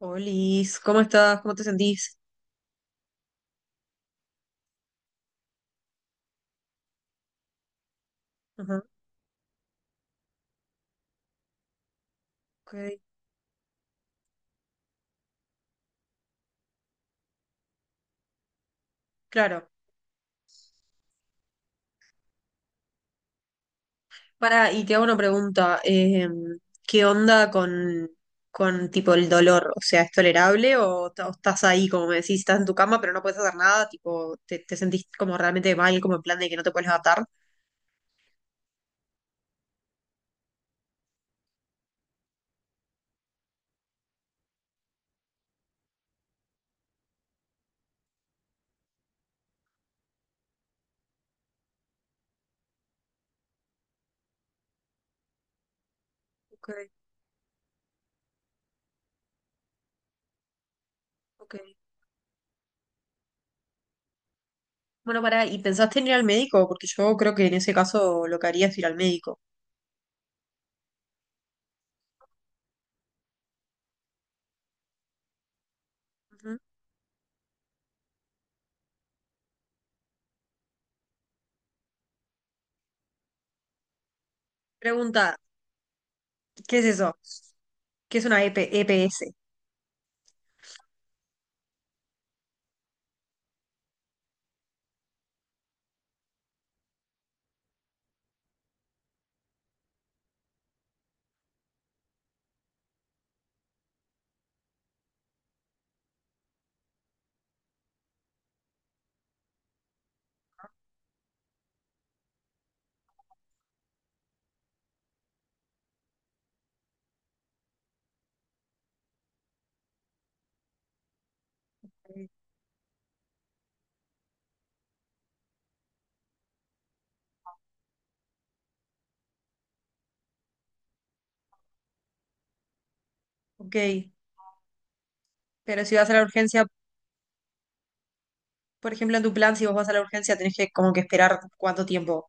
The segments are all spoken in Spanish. Olis, ¿cómo estás? ¿Cómo te sentís? Ajá. Ok. Claro. Para, y te hago una pregunta. ¿Qué onda con tipo el dolor? O sea, ¿es tolerable o, o estás ahí, como me decís, estás en tu cama pero no puedes hacer nada? Tipo, te sentís como realmente mal, como en plan de que no te puedes levantar? Ok. Ok. Bueno, para, ¿y pensaste en ir al médico? Porque yo creo que en ese caso lo que haría es ir al médico. Ujú. Pregunta, ¿qué es eso? ¿Qué es una E E P E P S? Ok. Pero si vas a la urgencia, por ejemplo, en tu plan, si vos vas a la urgencia, tenés que como que esperar cuánto tiempo.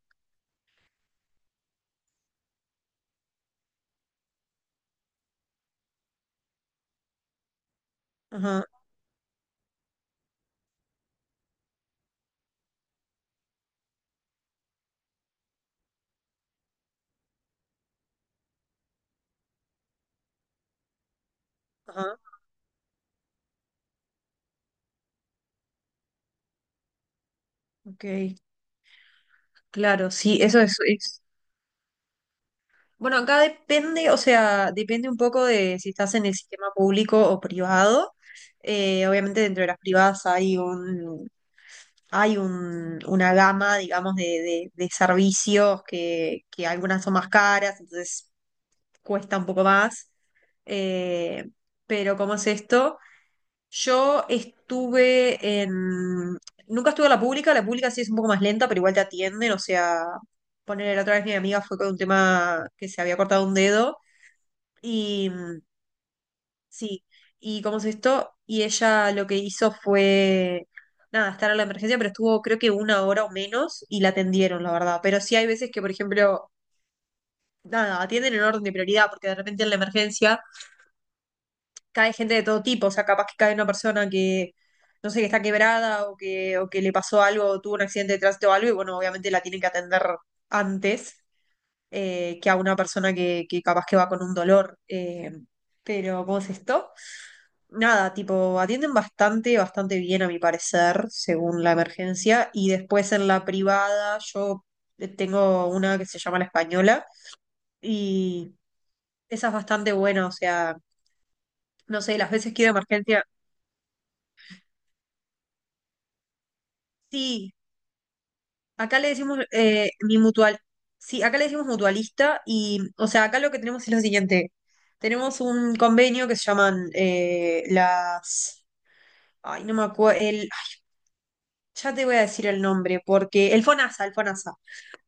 Ajá. Ajá. Ok, claro, sí, eso es. Bueno, acá depende, o sea, depende un poco de si estás en el sistema público o privado. Obviamente dentro de las privadas hay un, una gama, digamos, de servicios que algunas son más caras, entonces cuesta un poco más. Eh, pero ¿cómo es esto? Yo estuve en... Nunca estuve en la pública sí es un poco más lenta, pero igual te atienden, o sea, poner la otra vez mi amiga fue con un tema que se había cortado un dedo y sí, y cómo es esto, y ella lo que hizo fue, nada, estar a la emergencia, pero estuvo creo que una hora o menos y la atendieron, la verdad, pero sí hay veces que, por ejemplo, nada, atienden en orden de prioridad, porque de repente en la emergencia cae gente de todo tipo, o sea, capaz que cae una persona que, no sé, que está quebrada o que le pasó algo, o tuvo un accidente de tránsito o algo, y bueno, obviamente la tienen que atender antes que a una persona que capaz que va con un dolor. Pero, ¿cómo es esto? Nada, tipo, atienden bastante, bastante bien a mi parecer, según la emergencia, y después en la privada yo tengo una que se llama La Española, y esa es bastante buena, o sea, no sé, las veces que he ido de emergencia, sí. Acá le decimos mi mutual. Sí, acá le decimos mutualista y, o sea, acá lo que tenemos es lo siguiente. Tenemos un convenio que se llaman las... Ay, no me acuerdo. El... Ya te voy a decir el nombre, porque... El FONASA, el FONASA.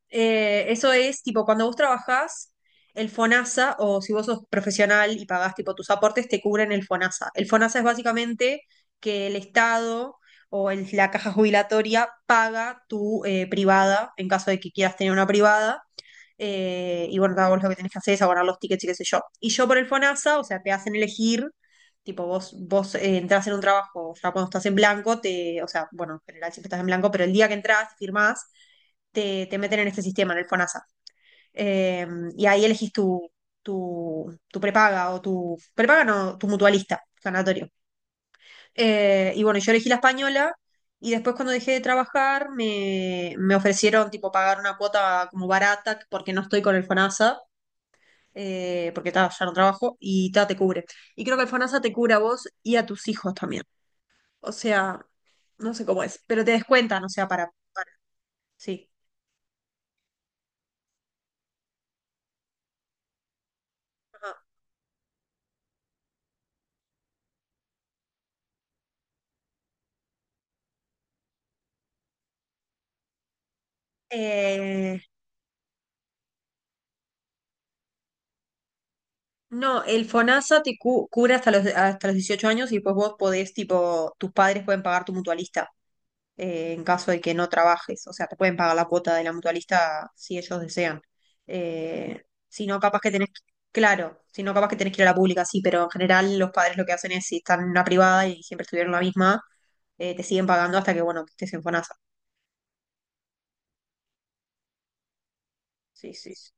Eso es tipo cuando vos trabajás, el FONASA, o si vos sos profesional y pagás tipo tus aportes, te cubren el FONASA. El FONASA es básicamente que el Estado o la caja jubilatoria paga tu privada, en caso de que quieras tener una privada. Y bueno, nada, vos lo que tenés que hacer es abonar los tickets y qué sé yo. Y yo por el FONASA, o sea, te hacen elegir, tipo, vos entrás en un trabajo, ya cuando estás en blanco, te, o sea, bueno, en general siempre estás en blanco, pero el día que entras, firmás te meten en este sistema, en el FONASA. Eh, y ahí elegís tu prepaga o tu prepaga, no, tu mutualista, ganatorio. Y bueno, yo elegí la española y después cuando dejé de trabajar me ofrecieron tipo pagar una cuota como barata porque no estoy con el FONASA. Porque ta, ya no trabajo y ta, te cubre. Y creo que el FONASA te cubre a vos y a tus hijos también. O sea, no sé cómo es, pero te descuentan, o sea, para sí. Ajá. Eh, no, el FONASA te cubre hasta los 18 años y pues vos podés, tipo, tus padres pueden pagar tu mutualista en caso de que no trabajes. O sea, te pueden pagar la cuota de la mutualista si ellos desean. Eh, si no, capaz que tenés. Claro, si no, capaz que tenés que ir a la pública, sí, pero en general los padres lo que hacen es, si están en una privada y siempre estuvieron en la misma, te siguen pagando hasta que, bueno, que estés en FONASA. Sí, sí. Sí.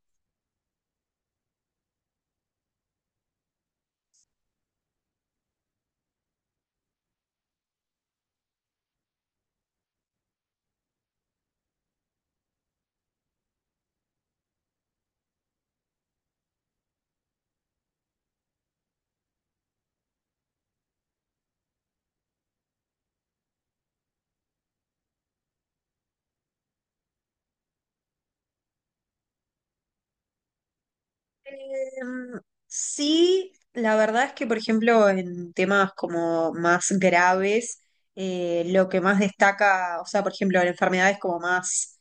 Em, sí, la verdad es que, por ejemplo, en temas como más graves, lo que más destaca, o sea, por ejemplo, en enfermedades como más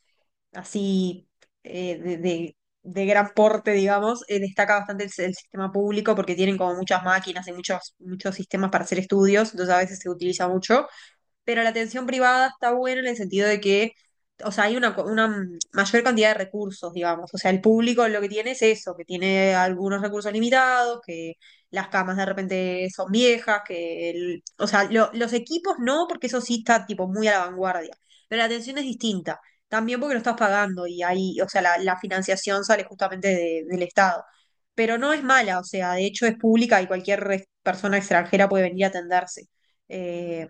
así eh, de, de- de gran porte, digamos, destaca bastante el sistema público porque tienen como muchas máquinas y muchos, muchos sistemas para hacer estudios, entonces a veces se utiliza mucho, pero la atención privada está buena en el sentido de que, o sea, hay una, una mayor cantidad de recursos, digamos. O sea, el público lo que tiene es eso, que tiene algunos recursos limitados, que las camas de repente son viejas, que el, o sea, los equipos no, porque eso sí está tipo muy a la vanguardia, pero la atención es distinta. También porque lo estás pagando y ahí, o sea, la financiación sale justamente del Estado. Pero no es mala, o sea, de hecho es pública y cualquier persona extranjera puede venir a atenderse. Eh,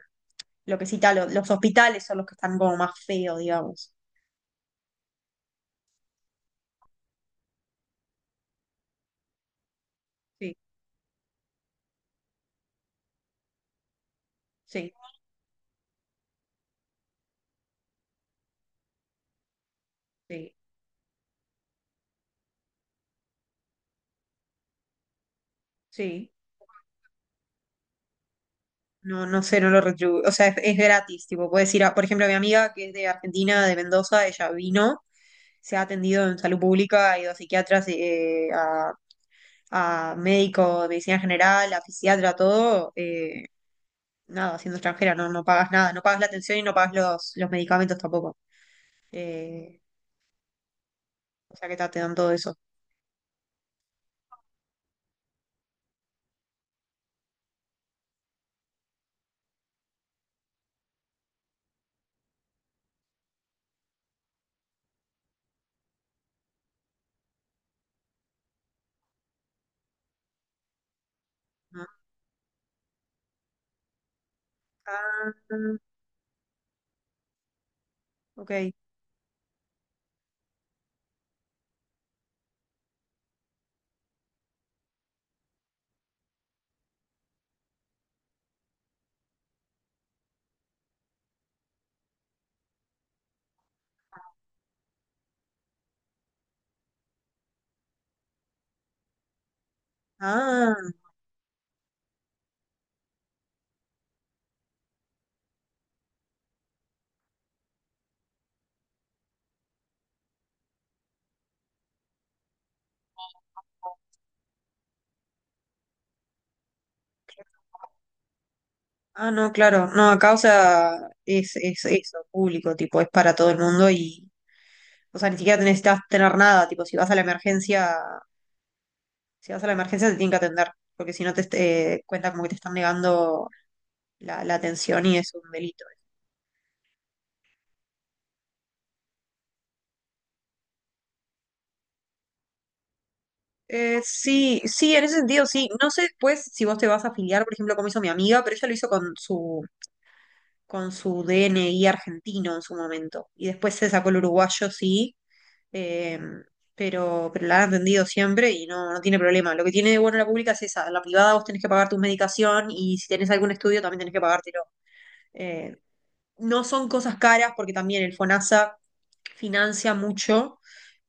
lo que cita, los hospitales son los que están como más feos, digamos. Sí, sí, sí, sí. No, no sé, no lo retribuyo. O sea, es gratis, tipo, puedes ir a, por ejemplo, mi amiga que es de Argentina, de Mendoza, ella vino, se ha atendido en salud pública, ha ido a psiquiatras, a médico de medicina general, a fisiatra, todo, nada, siendo extranjera, no, no pagas nada, no pagas la atención y no pagas los medicamentos tampoco. Eh, o sea que te dan todo eso. Ah, ah, ok. Ah. Ah, no, claro. No, acá, o sea, es eso, público, tipo, es para todo el mundo y, o sea, ni siquiera te necesitas tener nada, tipo, si vas a la emergencia, si vas a la emergencia te tienen que atender, porque si no te cuenta como que te están negando la, la atención y es un delito. Sí, sí, en ese sentido, sí. No sé después si vos te vas a afiliar, por ejemplo, como hizo mi amiga, pero ella lo hizo con con su DNI argentino en su momento y después se sacó el uruguayo, sí. eh, pero la han atendido siempre y no, no tiene problema. Lo que tiene de bueno la pública es esa, la privada vos tenés que pagar tu medicación y si tenés algún estudio también tenés que pagártelo. Eh, no son cosas caras porque también el FONASA financia mucho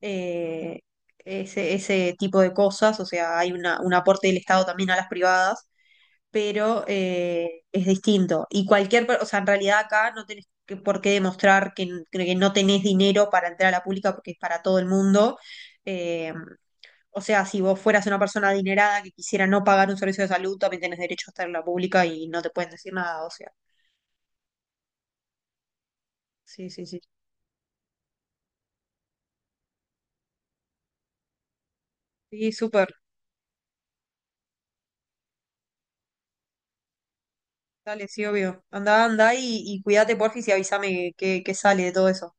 eh, ese tipo de cosas, o sea, hay un aporte del Estado también a las privadas pero es distinto. Y cualquier, o sea, en realidad acá no tenés por qué demostrar que, que no tenés dinero para entrar a la pública porque es para todo el mundo. Eh, o sea, si vos fueras una persona adinerada que quisiera no pagar un servicio de salud, también tenés derecho a estar en la pública y no te pueden decir nada, o sea. Sí, sí, sí. Sí, súper. Dale, sí, obvio. Anda, anda y cuídate, porfis, y avísame qué qué sale de todo eso.